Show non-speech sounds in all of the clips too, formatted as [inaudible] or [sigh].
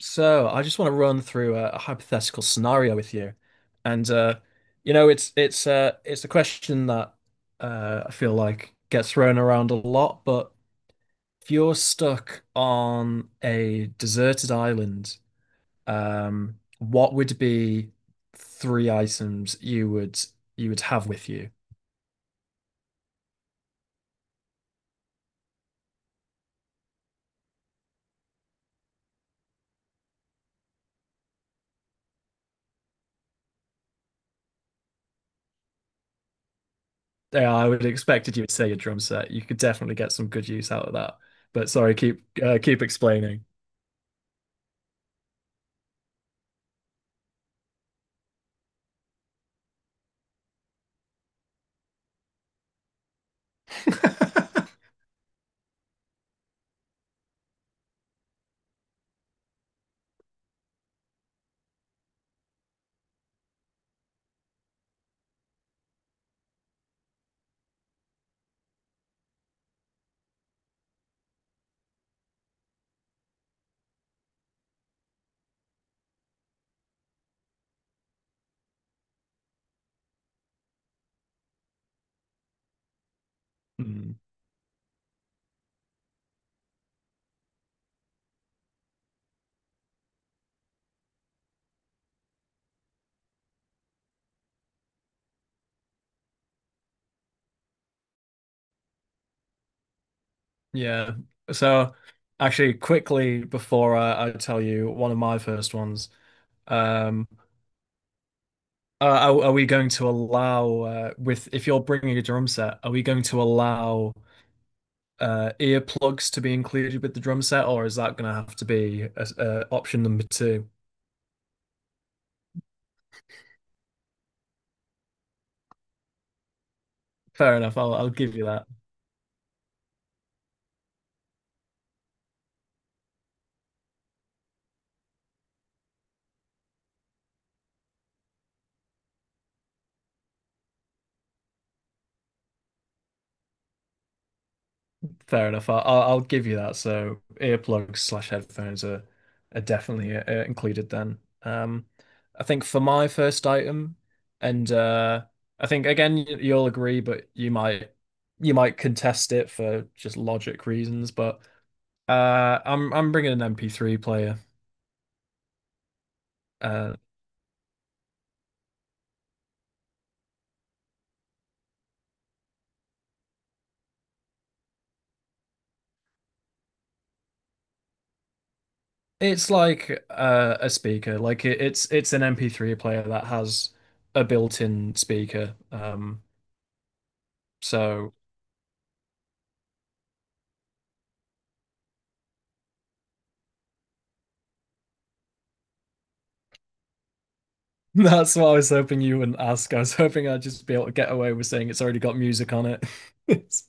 So I just want to run through a hypothetical scenario with you, and it's a question that I feel like gets thrown around a lot. But if you're stuck on a deserted island, what would be three items you would have with you? Yeah, I would have expected you would say your drum set. You could definitely get some good use out of that. But sorry, keep explaining. Hmm. Yeah. So actually quickly before I tell you one of my first ones, um are we going to allow with if you're bringing a drum set, are we going to allow earplugs to be included with the drum set or is that going to have to be a option number two? Fair enough. I'll give you that. Fair enough. I'll give you that. So earplugs slash headphones are definitely included then. I think for my first item, and I think again you'll agree, but you might contest it for just logic reasons. But I'm bringing an MP3 player. Uh, it's like a speaker. Like it's an MP3 player that has a built-in speaker. So. [laughs] That's what I was hoping you wouldn't ask. I was [laughs] hoping I'd just be able to get away with saying it's already got music on it. [laughs] It's,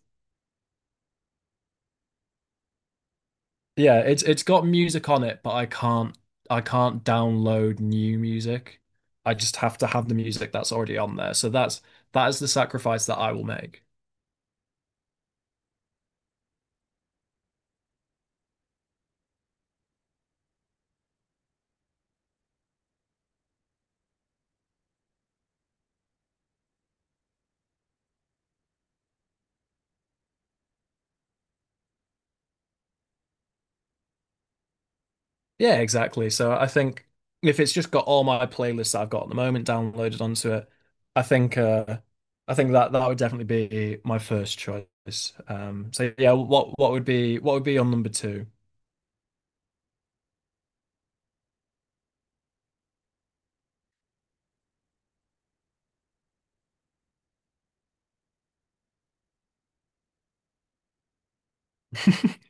yeah, it's got music on it, but I can't download new music. I just have to have the music that's already on there. So that is the sacrifice that I will make. Yeah, exactly. So I think if it's just got all my playlists that I've got at the moment downloaded onto it, I think uh I think that that would definitely be my first choice. So yeah, what would be on number two? [laughs]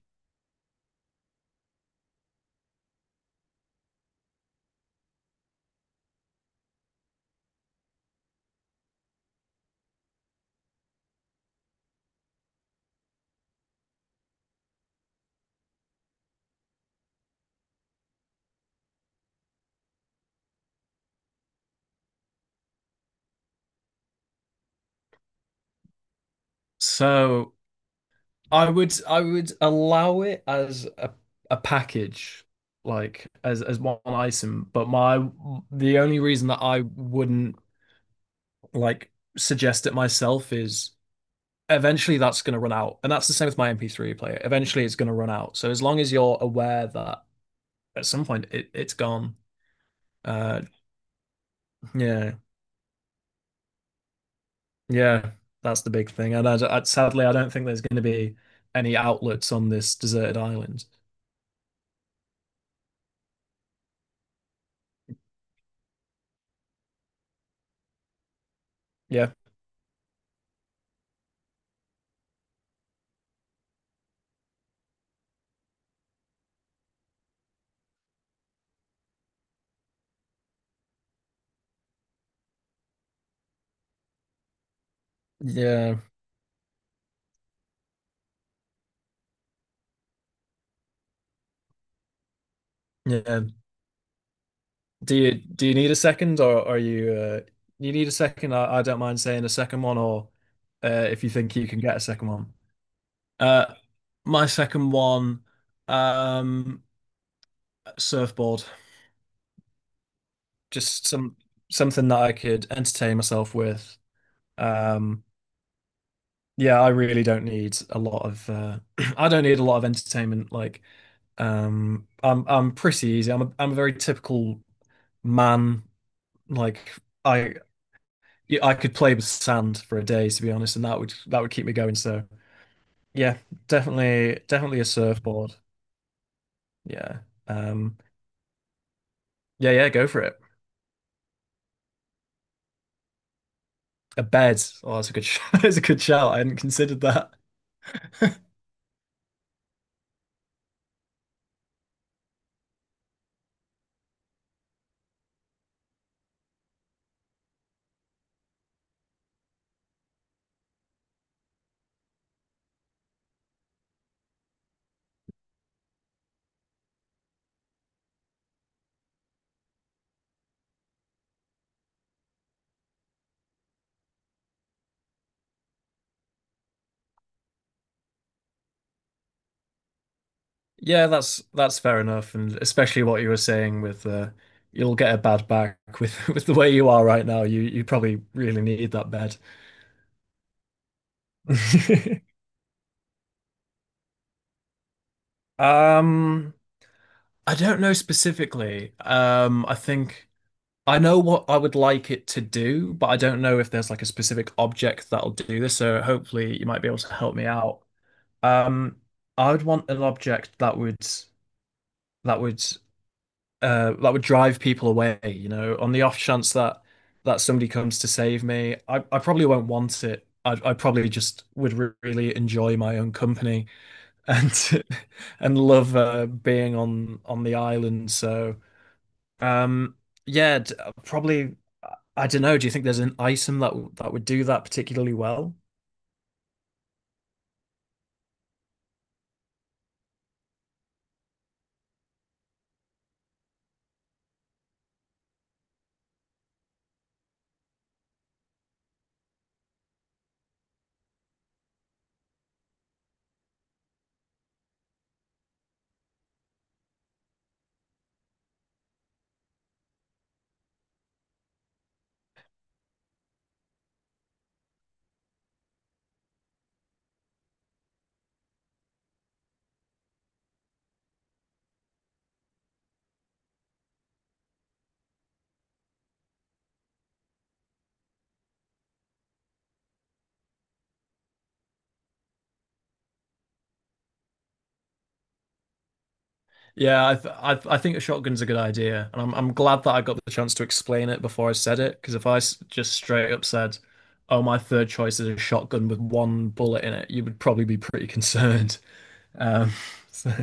So I would allow it as a package, like as one item, but my the only reason that I wouldn't like suggest it myself is eventually that's going to run out. And that's the same with my MP3 player. Eventually it's going to run out. So as long as you're aware that at some point it's gone, uh yeah. Yeah, that's the big thing. And I sadly I don't think there's going to be any outlets on this deserted island. Yeah. Yeah. Yeah, do you do you need a second, or are you you need a second? I don't mind saying a second one, or if you think you can get a second one. Uh, my second one, um, surfboard. Just something that I could entertain myself with. Um, yeah, I really don't need a lot of. [clears throat] I don't need a lot of entertainment. Like, I'm pretty easy. I'm a very typical man. Like, I yeah, I could play with sand for a day, to be honest, and that would keep me going. So yeah, definitely, definitely a surfboard. Yeah, um, yeah, yeah, go for it. A bed. Oh, that's a good, sh- [laughs] that's a good shout. I hadn't considered that. Yeah, that's fair enough, and especially what you were saying with you'll get a bad back with [laughs] with the way you are right now. You probably really need that bed. [laughs] Um, I don't know specifically. I think I know what I would like it to do, but I don't know if there's like a specific object that'll do this. So hopefully you might be able to help me out. Um, I would want an object that would that would that would drive people away, on the off chance that that somebody comes to save me. I probably won't want it. I probably just would re really enjoy my own company and [laughs] and love being on the island. So um, yeah, probably. I don't know. Do you think there's an item that would do that particularly well? Yeah, I think a shotgun's a good idea, and I'm glad that I got the chance to explain it before I said it. Because if just straight up said, "Oh, my third choice is a shotgun with one bullet in it," you would probably be pretty concerned. Um, [laughs] so,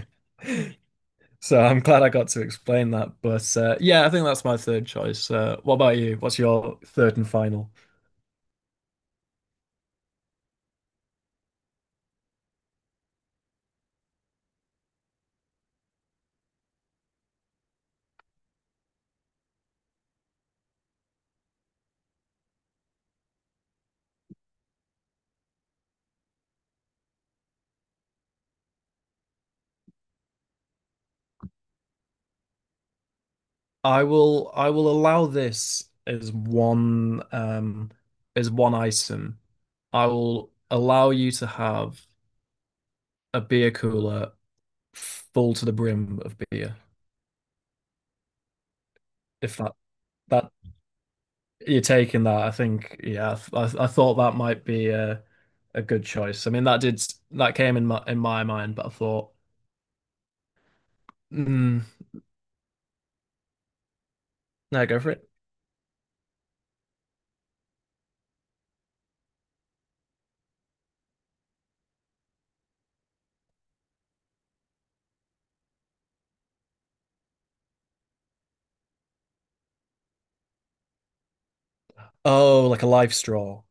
so I'm glad I got to explain that. But yeah, I think that's my third choice. What about you? What's your third and final? I will allow this as one item. I will allow you to have a beer cooler full to the brim of beer. If that you're taking that, I think yeah, I thought that might be a good choice. I mean that came in my mind, but I thought, mm, no, go for it. Oh, like a life straw.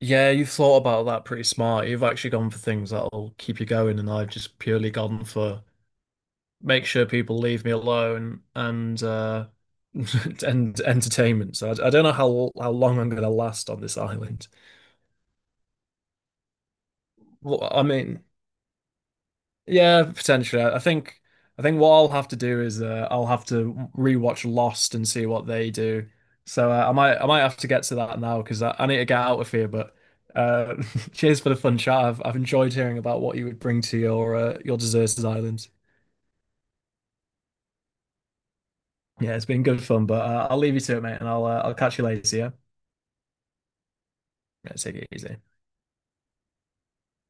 Yeah, you've thought about that pretty smart. You've actually gone for things that'll keep you going, and I've just purely gone for make sure people leave me alone and [laughs] and entertainment. So I don't know how long I'm going to last on this [laughs] island. Well, I mean, yeah, potentially. I think what I'll have to do is I'll have to rewatch Lost and see what they do. So I might have to get to that now because I need to get out of here. But uh, [laughs] cheers for the fun chat. I've enjoyed hearing about what you would bring to your deserted island. Yeah, it's been good fun. But I'll leave you to it, mate, and I'll catch you later. Yeah. Let's take it easy.